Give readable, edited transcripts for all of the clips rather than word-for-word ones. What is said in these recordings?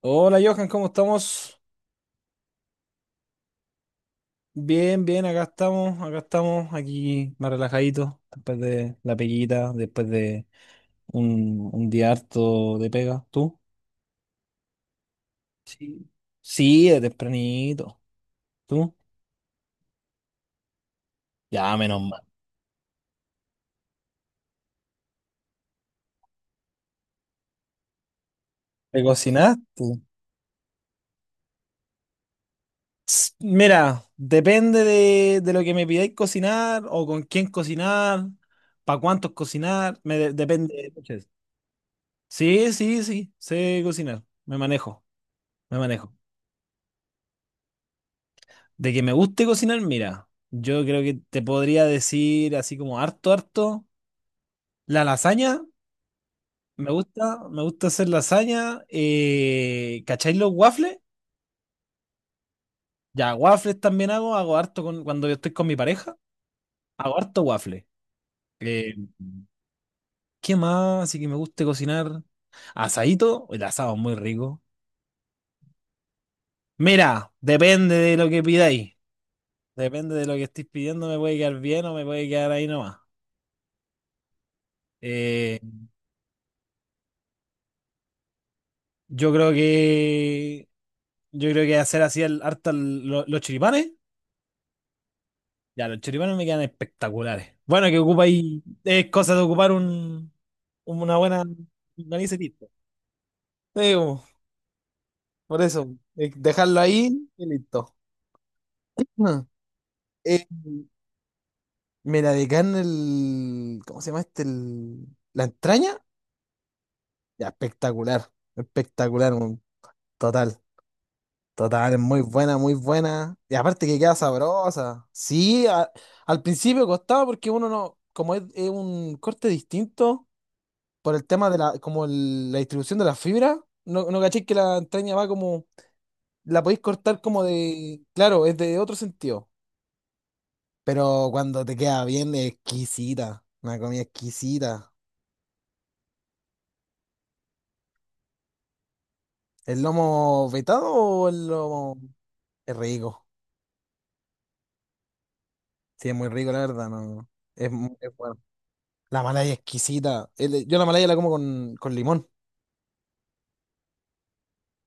Hola Johan, ¿cómo estamos? Bien, bien, acá estamos, aquí más relajaditos, después de la peguita, después de un día harto de pega. ¿Tú? Sí. Sí, de tempranito. ¿Tú? Ya, menos mal. ¿Te cocinaste? Ts, mira, depende de lo que me pidáis cocinar o con quién cocinar, para cuántos cocinar, depende. Sí, sí, sí, sé cocinar, me manejo, me manejo. De que me guste cocinar, mira, yo creo que te podría decir así como harto, harto. La lasaña, me gusta hacer lasaña. ¿Cacháis los waffles? Ya, waffles también hago, hago harto con, cuando yo estoy con mi pareja, hago harto waffles. Eh, ¿Qué más? Así que me guste cocinar. Asadito, el asado es muy rico. Mira, depende de lo que pidáis. Depende de lo que estéis pidiendo, me puede quedar bien o me puede quedar ahí nomás. Eh, yo creo que Yo creo que hacer así el, harta el- lo- los choripanes. Ya, los choripanes me quedan espectaculares. Bueno, que ocupa ahí. Es cosa de ocupar una buena nariz y listo. Sí, como, por eso. Dejarlo ahí y listo. Ah, eh, mira, de carne el. ¿Cómo se llama este? La entraña. Ya, espectacular. Espectacular, un total. Total, es muy buena, muy buena. Y aparte que queda sabrosa. Al principio costaba porque uno no, como es un corte distinto por el tema de como la distribución de la fibra, no caché que la entraña va como, la podéis cortar como de, claro, es de otro sentido. Pero cuando te queda bien, es exquisita, una comida exquisita. ¿El lomo vetado o el lomo? Es rico. Sí, es muy rico, la verdad, no. Es bueno. La malaya es exquisita. Yo la malaya la como con limón.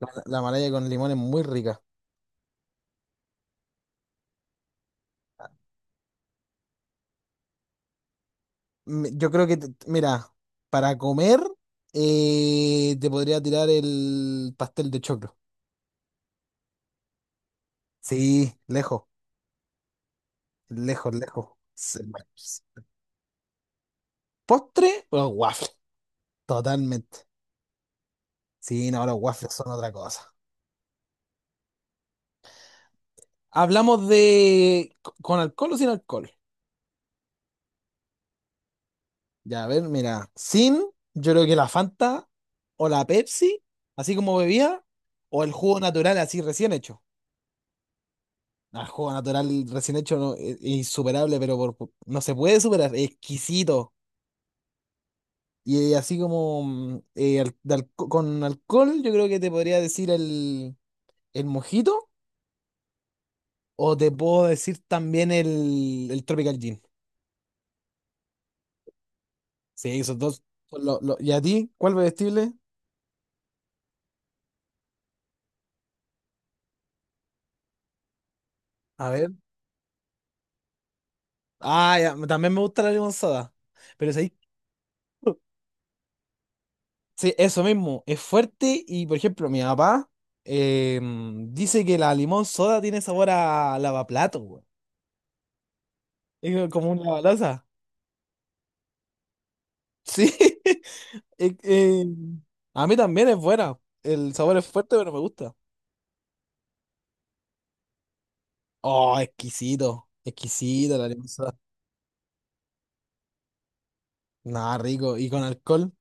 La malaya con limón es muy rica. Yo creo que, mira, para comer te podría tirar el pastel de choclo. Sí, lejos, lejos, lejos. Se- Postre, los waffles. Totalmente. Sí, no, los waffles son otra cosa. ¿Con alcohol o sin alcohol? Ya, a ver, mira. Sin, yo creo que la Fanta o la Pepsi, así como bebía, o el jugo natural así recién hecho. Ah, el jugo natural recién hecho no, es insuperable, pero no se puede superar, es exquisito. Y así como con alcohol, yo creo que te podría decir el mojito, o te puedo decir también el Tropical Gin. Sí, esos dos. ¿Y a ti? ¿Cuál vestible? A ver. Ah, ya, también me gusta la limonada. Pero es ahí. Sí, eso mismo, es fuerte y por ejemplo mi papá dice que la limón soda tiene sabor a lavaplato, weón. Es como un lavaloza. Sí, es que, em, a mí también es buena, el sabor es fuerte pero me gusta. Oh, exquisito, exquisito la limón soda. Nada, rico, y con alcohol,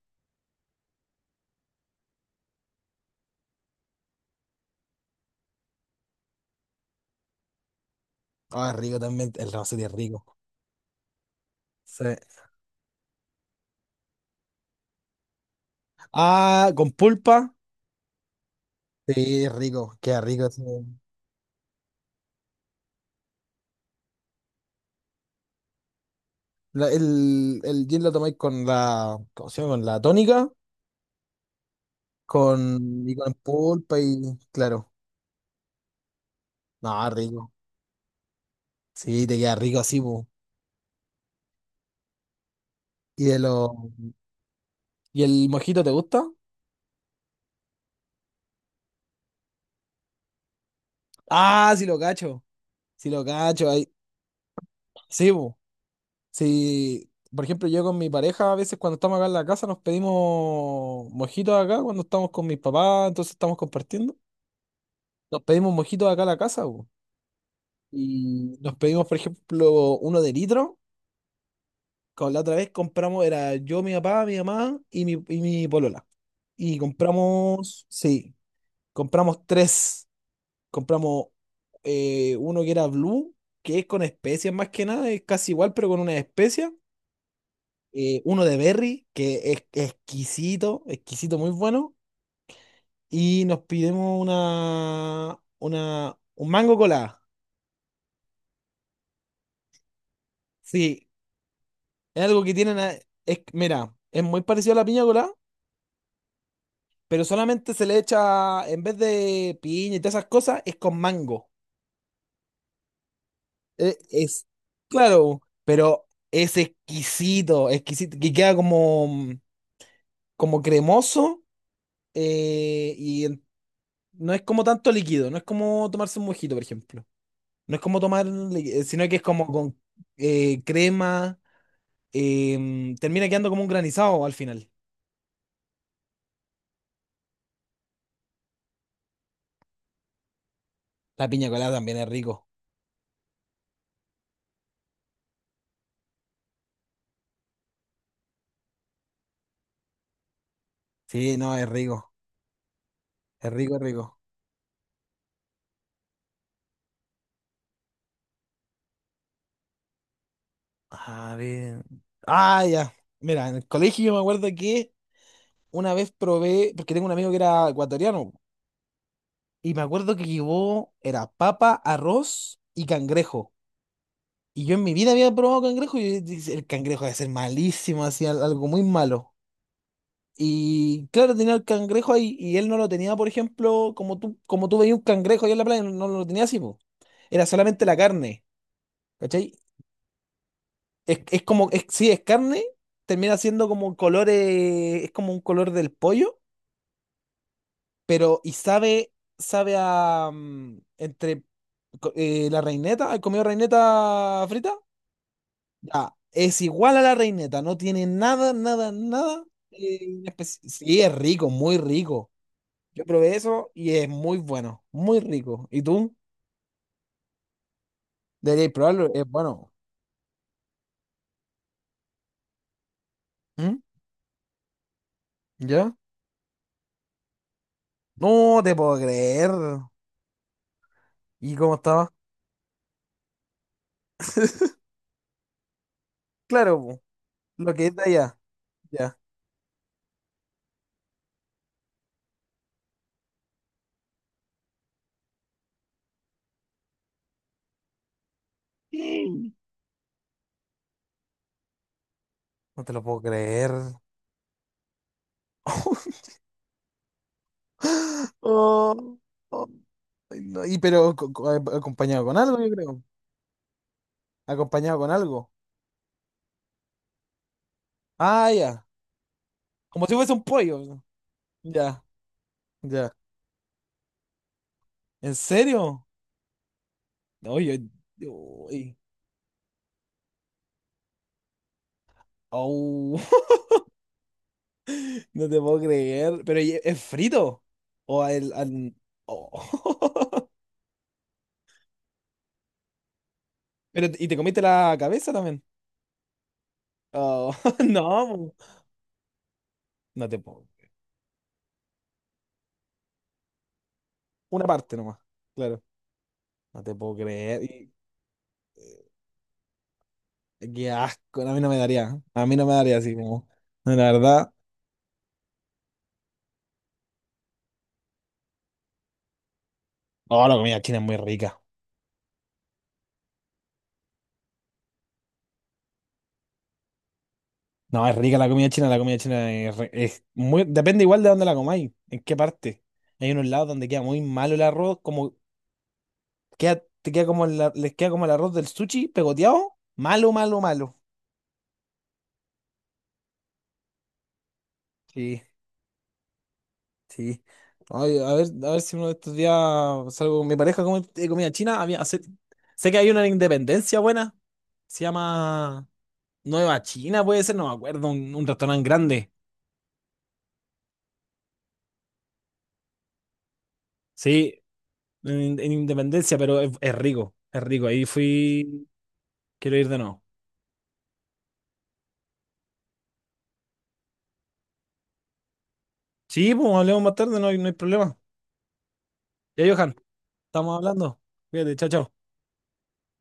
ah, es rico también, el Rosé es rico. Sí. Ah, con pulpa, sí, es rico, queda rico. Sí. El gin lo tomáis con ¿cómo se llama? Con la tónica. Con, y con pulpa y claro. No, rico. Sí, te queda rico así, po. ¿Y de los ¿Y el mojito te gusta? Ah, sí lo cacho. Sí lo cacho. Ahí. Sí, po. Sí. Por ejemplo, yo con mi pareja, a veces cuando estamos acá en la casa, nos pedimos mojitos acá, cuando estamos con mis papás, entonces estamos compartiendo. Nos pedimos mojitos acá en la casa, po. Y nos pedimos, por ejemplo, uno de litro. Con la otra vez compramos, era yo, mi papá, mi mamá y mi polola. Y compramos, sí, compramos tres. Compramos uno que era blue, que es con especias más que nada, es casi igual, pero con una especia. Uno de berry, que es exquisito, exquisito, muy bueno. Y nos pidimos un mango colada. Sí, es algo que tienen, es, mira, es muy parecido a la piña colada pero solamente se le echa, en vez de piña y todas esas cosas, es con mango. Eh, Es, claro, pero es exquisito, exquisito, que queda como, como cremoso eh, y en- no es como tanto líquido, no es como tomarse un mojito, por ejemplo. No es como tomar, li- sino que es como con crema, termina quedando como un granizado al final. La piña colada también es rico. Sí, no, es rico, es rico, es rico. A ver. Ah, ya. Mira, en el colegio yo me acuerdo que una vez probé, porque tengo un amigo que era ecuatoriano, y me acuerdo que llevó, era papa, arroz y cangrejo. Y yo en mi vida había probado cangrejo y yo dije, el cangrejo debe ser malísimo, hacía algo muy malo. Y claro, tenía el cangrejo ahí y él no lo tenía, por ejemplo, como tú veías un cangrejo ahí en la playa, no, no lo tenía así, po. Era solamente la carne, ¿cachai? Sí, es carne, termina siendo como colores, es como un color del pollo, pero y sabe, sabe a, entre la reineta, ¿has comido reineta frita? Ya, es igual a la reineta, no tiene nada, nada, nada. Sí, es rico, muy rico. Yo probé eso y es muy bueno, muy rico. ¿Y tú? Deberías probarlo, es bueno. ¿Mm? ¿Ya? No te puedo creer. ¿Y cómo estaba? Claro, po. Lo que es de allá. Ya. No te lo puedo creer. Oh, oh, ay, no, y pero acompañado con algo, yo creo. Acompañado con algo. Ah, ya. Como si fuese un pollo. Ya, ya. ¿En serio? No, yo- uy, au, no te puedo creer. Pero ¿y ¿es frito? O al, al- oh. Pero, ¿y te comiste la cabeza también? Oh, no, no te puedo. Una parte nomás. Claro. No te puedo creer. Y, qué asco. No, a mí no me daría. ¿Eh? A mí no me daría así como. No, la verdad. No, la comida china es muy rica. No, es rica la comida china. Es muy. Depende igual de dónde la comáis. En qué parte. Hay unos lados donde queda muy malo el arroz. Como queda, te queda como les queda como el arroz del sushi pegoteado. Malo, malo, malo. Sí, sí. Ay, a ver si uno de estos días salgo con mi pareja a comer comida china. Sé que hay una en Independencia buena. Se llama. Nueva China puede ser, no me acuerdo, un restaurante grande. Sí, en Independencia, pero es rico, es rico. Ahí fui, quiero ir de nuevo. Sí, pues hablemos más tarde, no hay, no hay problema. Ya, Johan, estamos hablando. Cuídate, chao, chao.